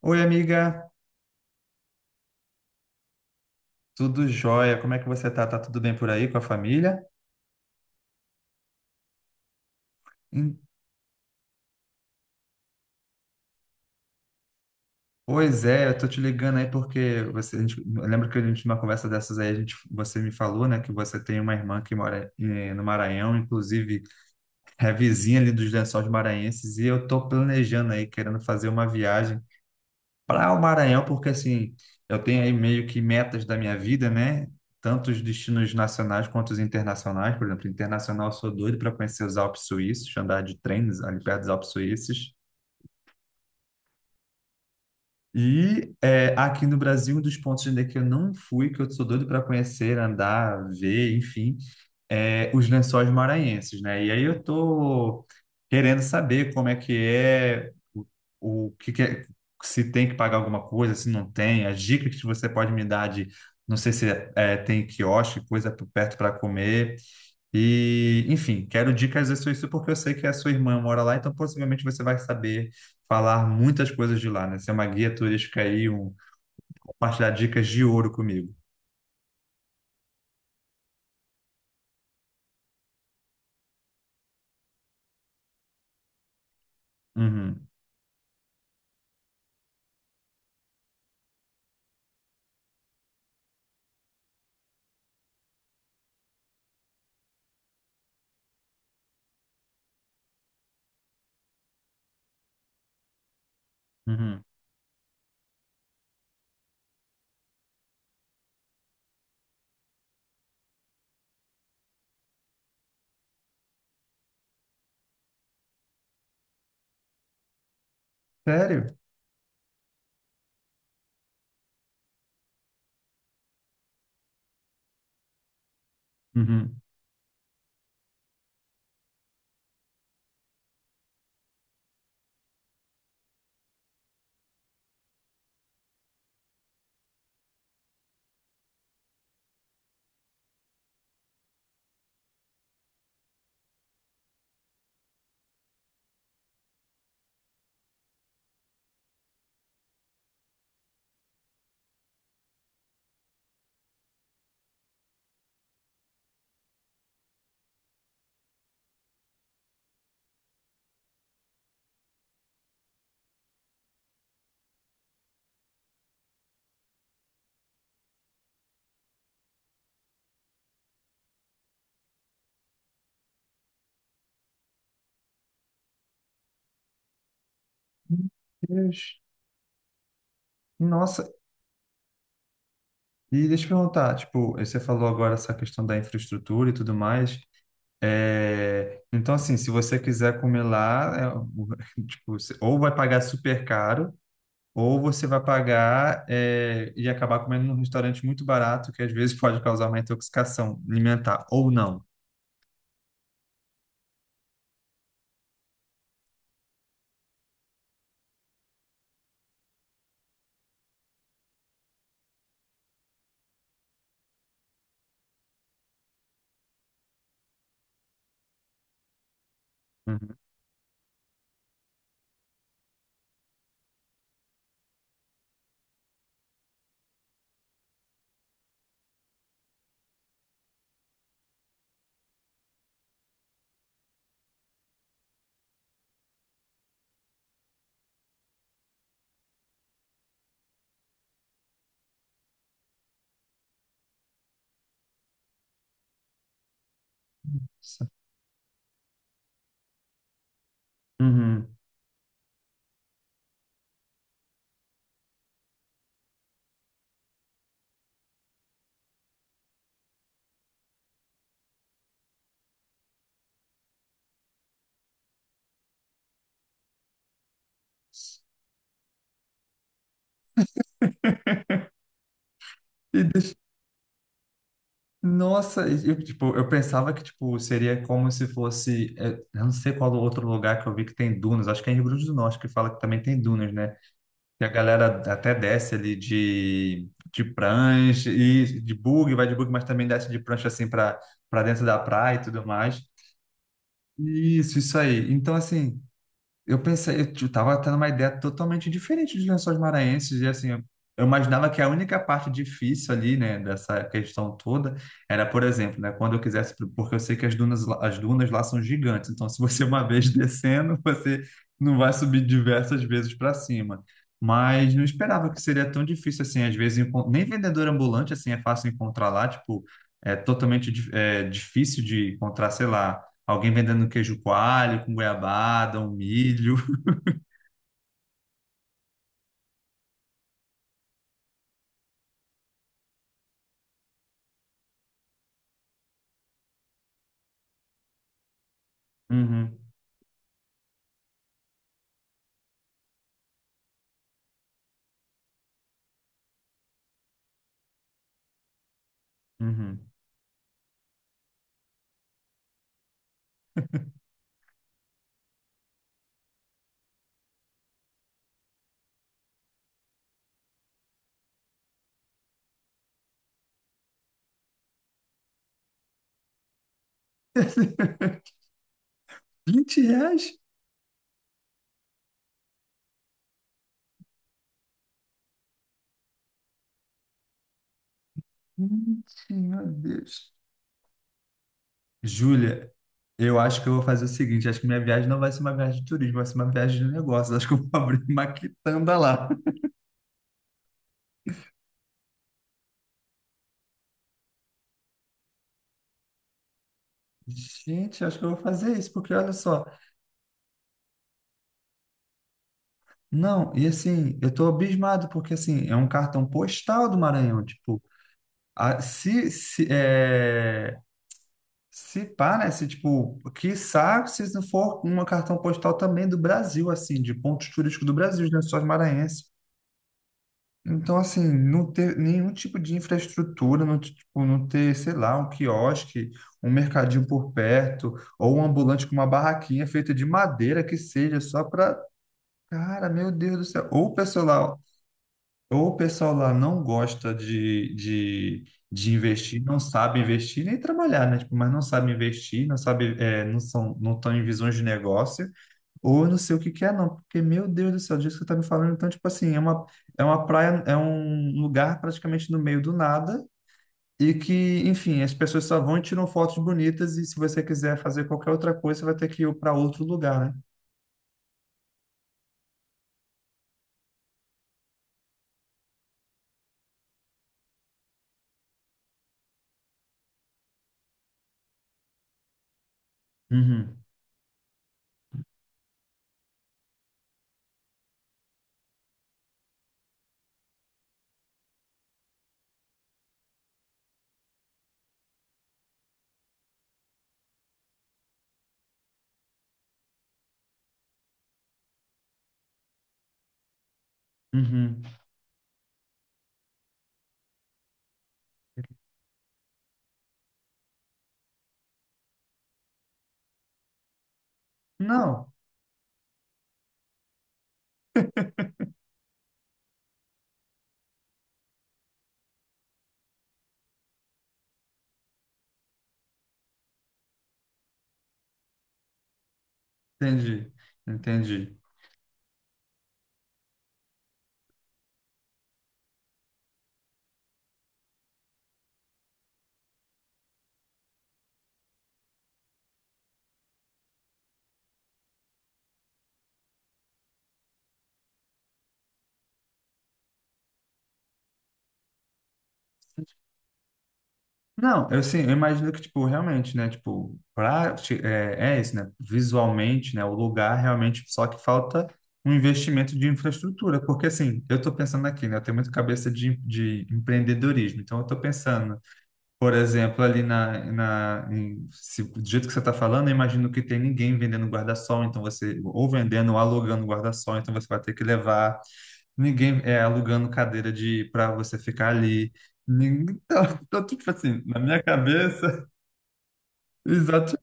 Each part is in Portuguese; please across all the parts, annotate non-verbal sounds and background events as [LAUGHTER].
Oi, amiga, tudo jóia? Como é que você tá? Tá tudo bem por aí com a família? Hum. Pois é, eu tô te ligando aí porque você, a gente, eu lembro que a gente, numa conversa dessas aí, a gente, você me falou, né, que você tem uma irmã que mora no Maranhão, inclusive é vizinha ali dos Lençóis Maranhenses, e eu tô planejando aí, querendo fazer uma viagem para o Maranhão, porque assim, eu tenho aí meio que metas da minha vida, né? Tanto os destinos nacionais quanto os internacionais. Por exemplo, internacional, eu sou doido para conhecer os Alpes Suíços, andar de trens ali perto dos Alpes Suíços. E é, aqui no Brasil, um dos pontos ainda que eu não fui, que eu sou doido para conhecer, andar, ver, enfim, é, os Lençóis Maranhenses, né? E aí eu tô querendo saber como é que é, o que que é, se tem que pagar alguma coisa, se não tem, as dicas que você pode me dar de, não sei se é, tem quiosque, coisa por perto para comer. E, enfim, quero dicas sobre isso porque eu sei que a sua irmã mora lá, então possivelmente você vai saber falar muitas coisas de lá, né? Ser uma guia turística aí, um, compartilhar dicas de ouro comigo. Uhum, uhum. Sério? Uhum. Meu Deus. Nossa, e deixa eu perguntar, tipo, você falou agora essa questão da infraestrutura e tudo mais. É, então, assim, se você quiser comer lá, é, [LAUGHS] tipo, você ou vai pagar super caro, ou você vai pagar é, e acabar comendo num restaurante muito barato, que às vezes [LAUGHS] pode causar uma intoxicação alimentar, ou não. Uhum. Uhum. E, nossa, eu, tipo, eu pensava que, tipo, seria como se fosse, é, eu não sei qual outro lugar que eu vi que tem dunas, acho que é em Rio Grande do Norte que fala que também tem dunas, né? E a galera até desce ali de prancha e de bug, vai de bug, mas também desce de prancha assim para para dentro da praia e tudo mais. Isso aí. Então, assim, eu pensei, tava tendo uma ideia totalmente diferente de Lençóis Maranhenses, e assim, eu imaginava que a única parte difícil ali, né, dessa questão toda, era, por exemplo, né, quando eu quisesse, porque eu sei que as dunas lá são gigantes, então se você uma vez descendo, você não vai subir diversas vezes para cima. Mas não esperava que seria tão difícil assim, às vezes, nem vendedor ambulante, assim, é fácil encontrar lá, tipo, é totalmente difícil de encontrar, sei lá, alguém vendendo queijo coalho com goiabada, um milho. Uhum, uhum. [LAUGHS] R$ 20? 20, meu Deus. Júlia, eu acho que eu vou fazer o seguinte: acho que minha viagem não vai ser uma viagem de turismo, vai ser uma viagem de negócios. Acho que eu vou abrir uma quitanda lá. Gente, acho que eu vou fazer isso, porque olha só. Não, e assim, eu tô abismado, porque assim, é um cartão postal do Maranhão. Tipo, a- se, se, é, se pá, né? Se, tipo, quiçá, se não for uma cartão postal também do Brasil, assim, de pontos turísticos do Brasil, os Lençóis Maranhenses. Então, assim, não ter nenhum tipo de infraestrutura, não, tipo, não ter, sei lá, um quiosque, um mercadinho por perto, ou um ambulante com uma barraquinha feita de madeira que seja, só para. Cara, meu Deus do céu. Ou o pessoal lá não gosta de, investir, não sabe investir nem trabalhar, né? Tipo, mas não sabe investir, não sabe, é, não são, não estão em visões de negócio, ou eu não sei o que que é, não, porque, meu Deus do céu, disso que você tá me falando, então, tipo assim, é uma praia, é um lugar praticamente no meio do nada, e que, enfim, as pessoas só vão e tiram fotos bonitas, e se você quiser fazer qualquer outra coisa, você vai ter que ir para outro lugar, né? Uhum, uhum. Não, entendi, entendi. Não, eu sim, eu imagino que, tipo, realmente, né, tipo, pra, é, é isso, né, visualmente, né, o lugar realmente, só que falta um investimento de infraestrutura, porque, assim, eu tô pensando aqui, né, eu tenho muito cabeça de empreendedorismo, então eu tô pensando, por exemplo, ali na, do jeito que você tá falando, eu imagino que tem ninguém vendendo guarda-sol, então você, ou vendendo ou alugando guarda-sol, então você vai ter que levar. Ninguém é alugando cadeira de para você ficar ali. Ninguém, tá, tá, [LAUGHS] tipo assim, na minha cabeça, [LAUGHS] exatamente.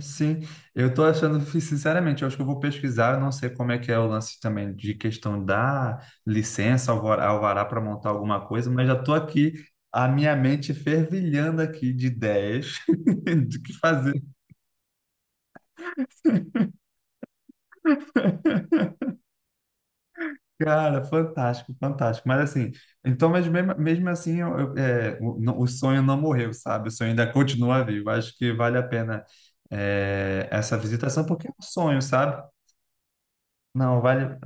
Sim, eu tô achando, sinceramente, eu acho que eu vou pesquisar, eu não sei como é que é o lance também de questão da licença, alvará para montar alguma coisa, mas já tô aqui, a minha mente fervilhando aqui de ideias [LAUGHS] do que fazer. Cara, fantástico, fantástico. Mas assim, então, mas mesmo, mesmo assim, o sonho não morreu, sabe? O sonho ainda continua vivo. Acho que vale a pena, é, essa visitação, porque é um sonho, sabe? Não, vale,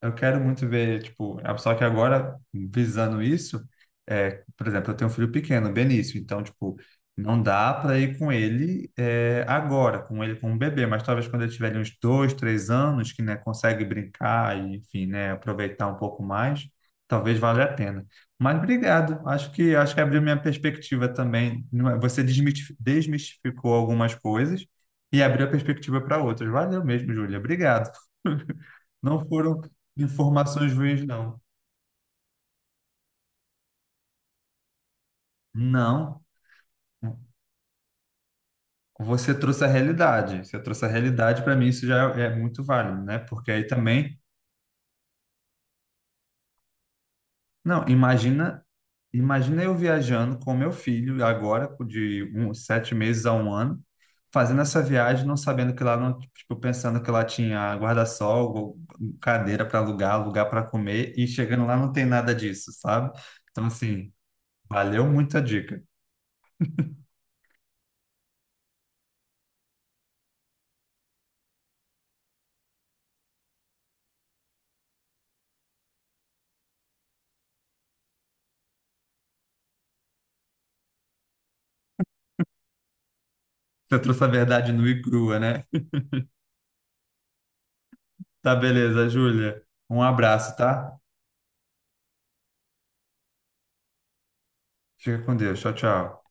eu quero muito ver, tipo, a- só que agora, visando isso, é, por exemplo, eu tenho um filho pequeno, Benício, então, tipo, não dá para ir com ele é, agora, com ele como bebê, mas talvez quando ele tiver ali uns dois, três anos, que, né, consegue brincar e, enfim, né, aproveitar um pouco mais, talvez valha a pena. Mas obrigado, acho que abriu minha perspectiva também. Não é- Você desmistificou algumas coisas e abriu a perspectiva para outras. Valeu mesmo, Júlia, obrigado. [LAUGHS] Não foram informações ruins, não. Não. Você trouxe a realidade. Você trouxe a realidade, para mim isso já é muito válido, né? Porque aí também, não, imagina, imagina eu viajando com meu filho agora de uns 7 meses a 1 ano, fazendo essa viagem, não sabendo que lá não, tipo, pensando que lá tinha guarda-sol, cadeira para alugar, lugar para comer e chegando lá não tem nada disso, sabe? Então assim, valeu muito a dica. Você trouxe a verdade nua e crua, né? Tá, beleza, Júlia. Um abraço, tá? Fica com Deus. Tchau, tchau.